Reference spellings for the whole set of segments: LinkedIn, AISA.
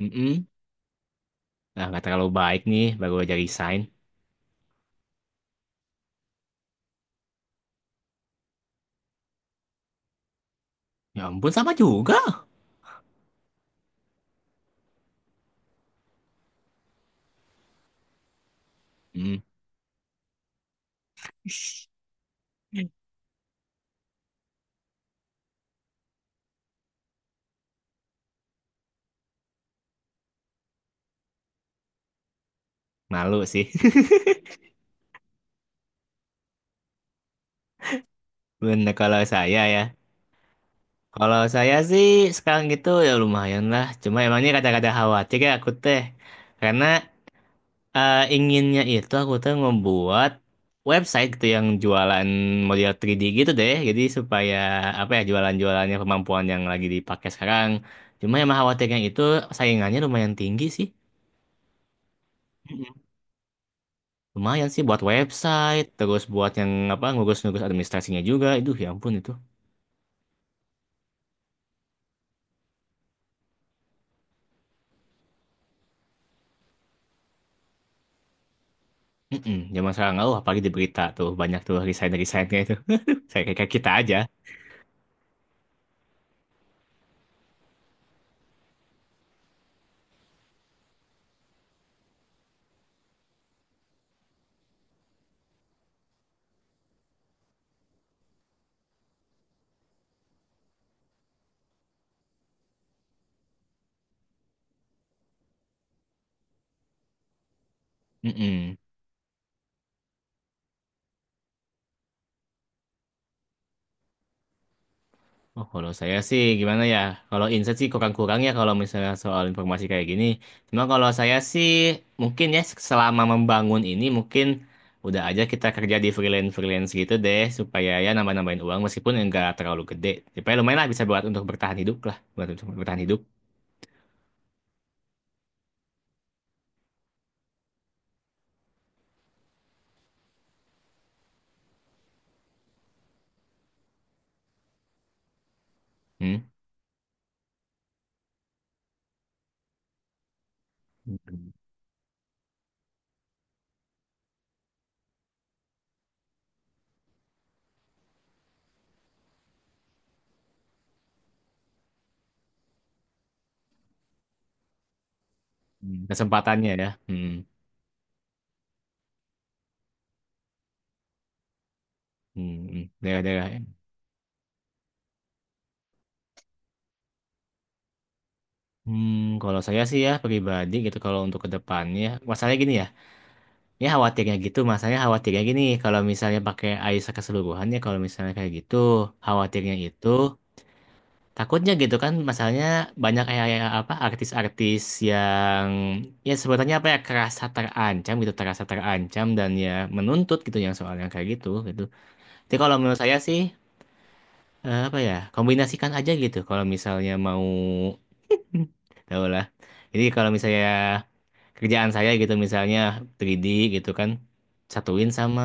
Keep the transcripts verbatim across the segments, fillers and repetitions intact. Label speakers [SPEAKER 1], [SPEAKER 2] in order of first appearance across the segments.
[SPEAKER 1] Mm-mm. Nah, nggak terlalu baik nih, baru aja resign. Ya ampun, sama juga. Mm, malu sih. Bener kalau saya ya. Kalau saya sih sekarang gitu ya lumayan lah. Cuma emangnya ini kata-kata khawatir ya aku teh. Karena eh, inginnya itu aku tuh membuat website gitu yang jualan model tiga D gitu deh. Jadi supaya apa ya jualan-jualannya kemampuan yang lagi dipakai sekarang. Cuma emang khawatirnya itu saingannya lumayan tinggi sih. Lumayan sih buat website, terus buat yang apa ngurus-ngurus administrasinya juga. Itu ya ampun itu. Mm-mm, zaman sekarang oh, apalagi di berita tuh banyak tuh resign-resignnya itu. Aduh, saya kayak kita aja. Mm-mm. Oh, kalau saya sih gimana ya? Kalau insight sih kurang-kurang ya kalau misalnya soal informasi kayak gini. Cuma kalau saya sih mungkin ya selama membangun ini mungkin udah aja kita kerja di freelance-freelance gitu deh supaya ya nambah-nambahin uang meskipun enggak terlalu gede. Supaya lumayan lah bisa buat untuk bertahan hidup lah, buat untuk bertahan hidup. Hmm. Hmm, kesempatannya ya. Hmm, hmm, hmm. Daerah-daerah. Hmm, kalau saya sih ya pribadi gitu kalau untuk kedepannya, masalahnya gini ya, ya khawatirnya gitu, masalahnya khawatirnya gini, kalau misalnya pakai A I S A keseluruhan ya, kalau misalnya kayak gitu, khawatirnya itu takutnya gitu kan, masalahnya banyak kayak kayak apa artis-artis yang ya sebenarnya apa ya kerasa terancam gitu, terasa terancam dan ya menuntut gitu yang soalnya kayak gitu gitu. Jadi kalau menurut saya sih eh, apa ya kombinasikan aja gitu kalau misalnya mau tahu lah. Jadi kalau misalnya kerjaan saya gitu misalnya tiga D gitu kan satuin sama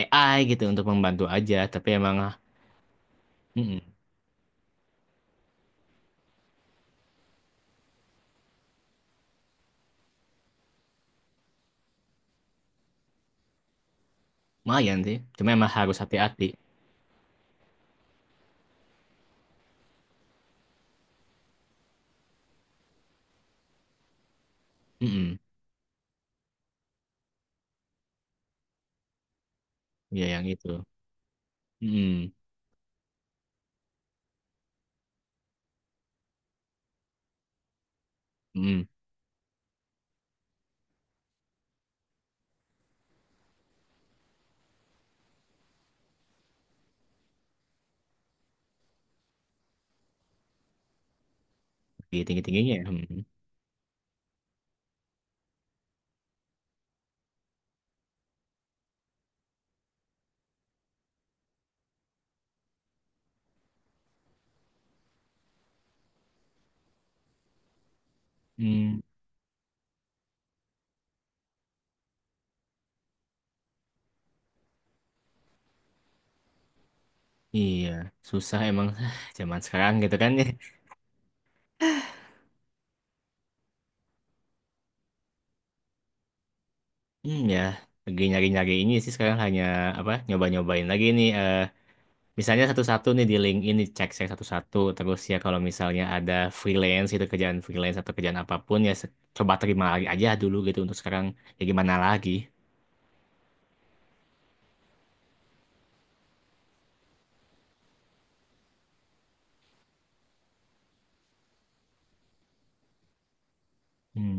[SPEAKER 1] A I gitu untuk membantu aja. Tapi emang mm lumayan sih. Cuma emang harus hati-hati. Mm-mm. Iya yang itu. Mm-mm. Mm-mm. Tinggi- Tinggi-tingginya ya. Mm-mm. Mm. Iya, susah emang zaman sekarang gitu kan. Hmm, ya lagi nyari-nyari ini sih sekarang hanya apa nyoba-nyobain lagi nih eh, misalnya satu-satu nih di LinkedIn dicek-cek satu-satu terus ya kalau misalnya ada freelance itu kerjaan freelance atau kerjaan apapun ya se- coba terima lagi aja dulu gitu untuk sekarang ya gimana lagi. Hmm.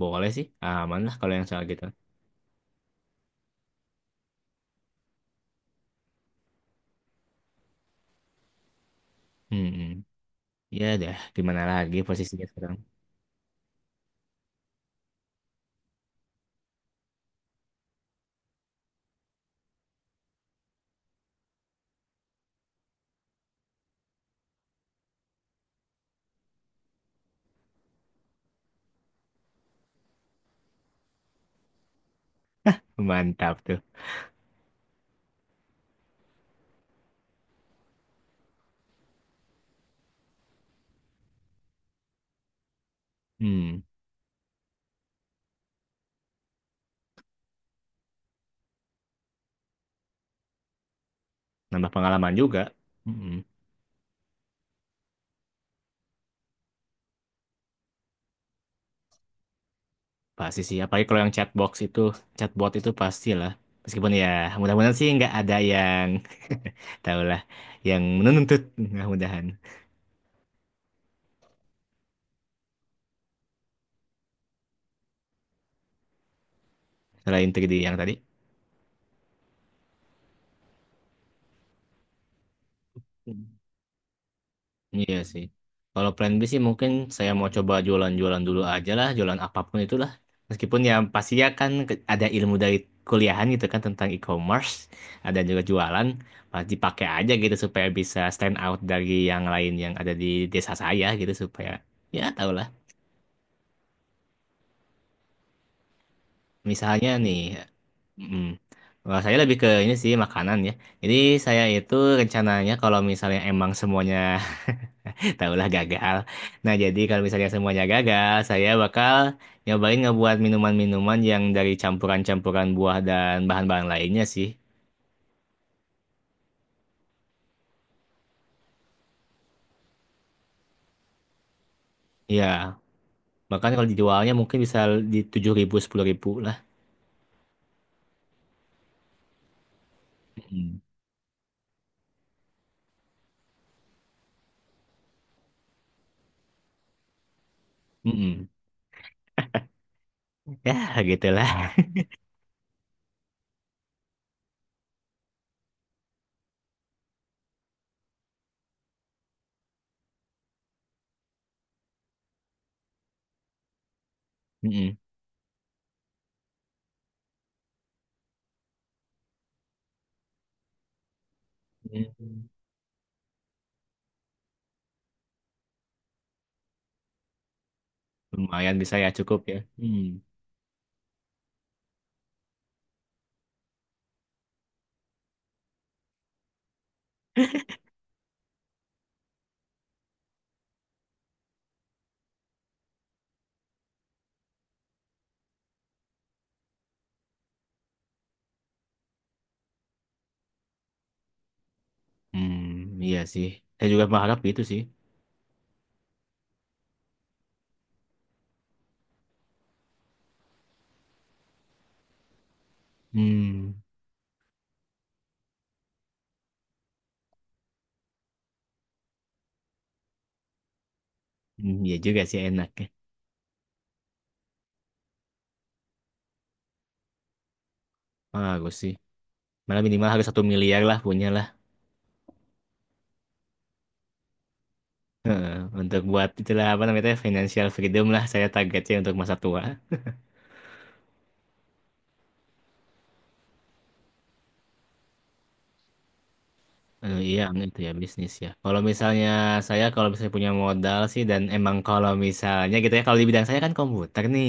[SPEAKER 1] Boleh sih aman lah kalau yang soal gitu. Hmm. Hmm. Ya dah gimana lagi posisinya sekarang. Mantap tuh. Hmm. Nambah pengalaman juga. Hmm. Pasti sih apalagi kalau yang chatbox itu, chatbot itu pastilah, meskipun ya mudah-mudahan sih nggak ada yang tahulah yang menuntut. Mudah-mudahan. Selain tiga D yang tadi. Hmm. Iya sih. Kalau plan B sih mungkin saya mau coba jualan-jualan dulu aja lah, jualan apapun itulah. Meskipun ya pasti ya kan ke- ada ilmu dari kuliahan gitu kan tentang e-commerce, ada juga jualan, pasti pakai aja gitu supaya bisa stand out dari yang lain yang ada di desa saya gitu supaya ya tau lah. Misalnya nih, mm, wah, saya lebih ke ini sih makanan ya. Jadi saya itu rencananya kalau misalnya emang semuanya taulah gagal. Nah, jadi kalau misalnya semuanya gagal, saya bakal nyobain ngebuat minuman-minuman yang dari campuran-campuran buah dan bahan-bahan lainnya sih. Iya, bahkan kalau dijualnya mungkin bisa di tujuh ribu, ribu, sepuluh ribu lah. Mm-mm. Mm-mm. Ya, gitulah. Mm-mm. Mm. Lumayan bisa ya, cukup ya. Mm. Mm, iya sih. Saya juga berharap gitu sih. Hmm. Hmm, iya juga sih enaknya. Bagus sih. Malah minimal harus satu miliar lah punya. Heeh, untuk buat itulah apa namanya financial freedom lah saya targetnya untuk masa tua. Eh, iya, itu ya bisnis ya. Kalau misalnya saya kalau misalnya punya modal sih dan emang kalau misalnya gitu ya kalau di bidang saya kan komputer nih.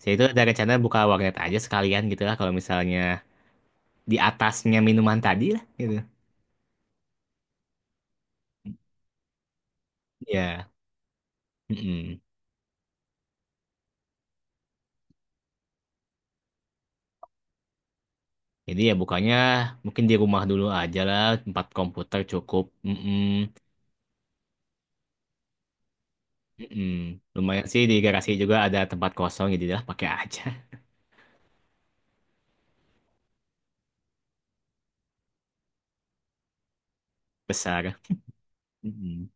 [SPEAKER 1] Saya itu ada rencana buka warnet aja sekalian gitu lah kalau misalnya di atasnya minuman tadi lah gitu. Ya. Mm-mm. Jadi ya bukannya mungkin di rumah dulu aja lah tempat komputer cukup. Mm-mm. Mm-mm. Lumayan sih di garasi juga ada tempat kosong jadi lah pakai aja. Besar. Mm-mm.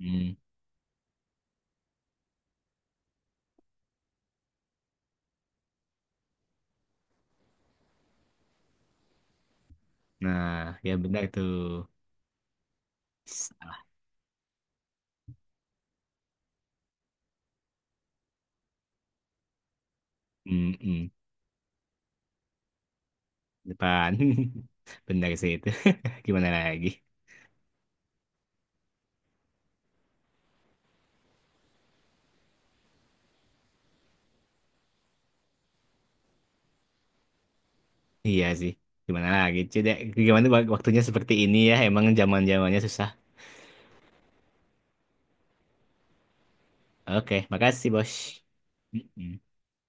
[SPEAKER 1] Mm. Nah, ya benar tuh. Mm-mm. Depan. Benar sih itu. Gimana lagi? Iya sih. Gimana lagi? Coba gimana wak- waktunya seperti ini ya. Emang zaman-zamannya susah. Oke, makasih, Bos. Mm-mm.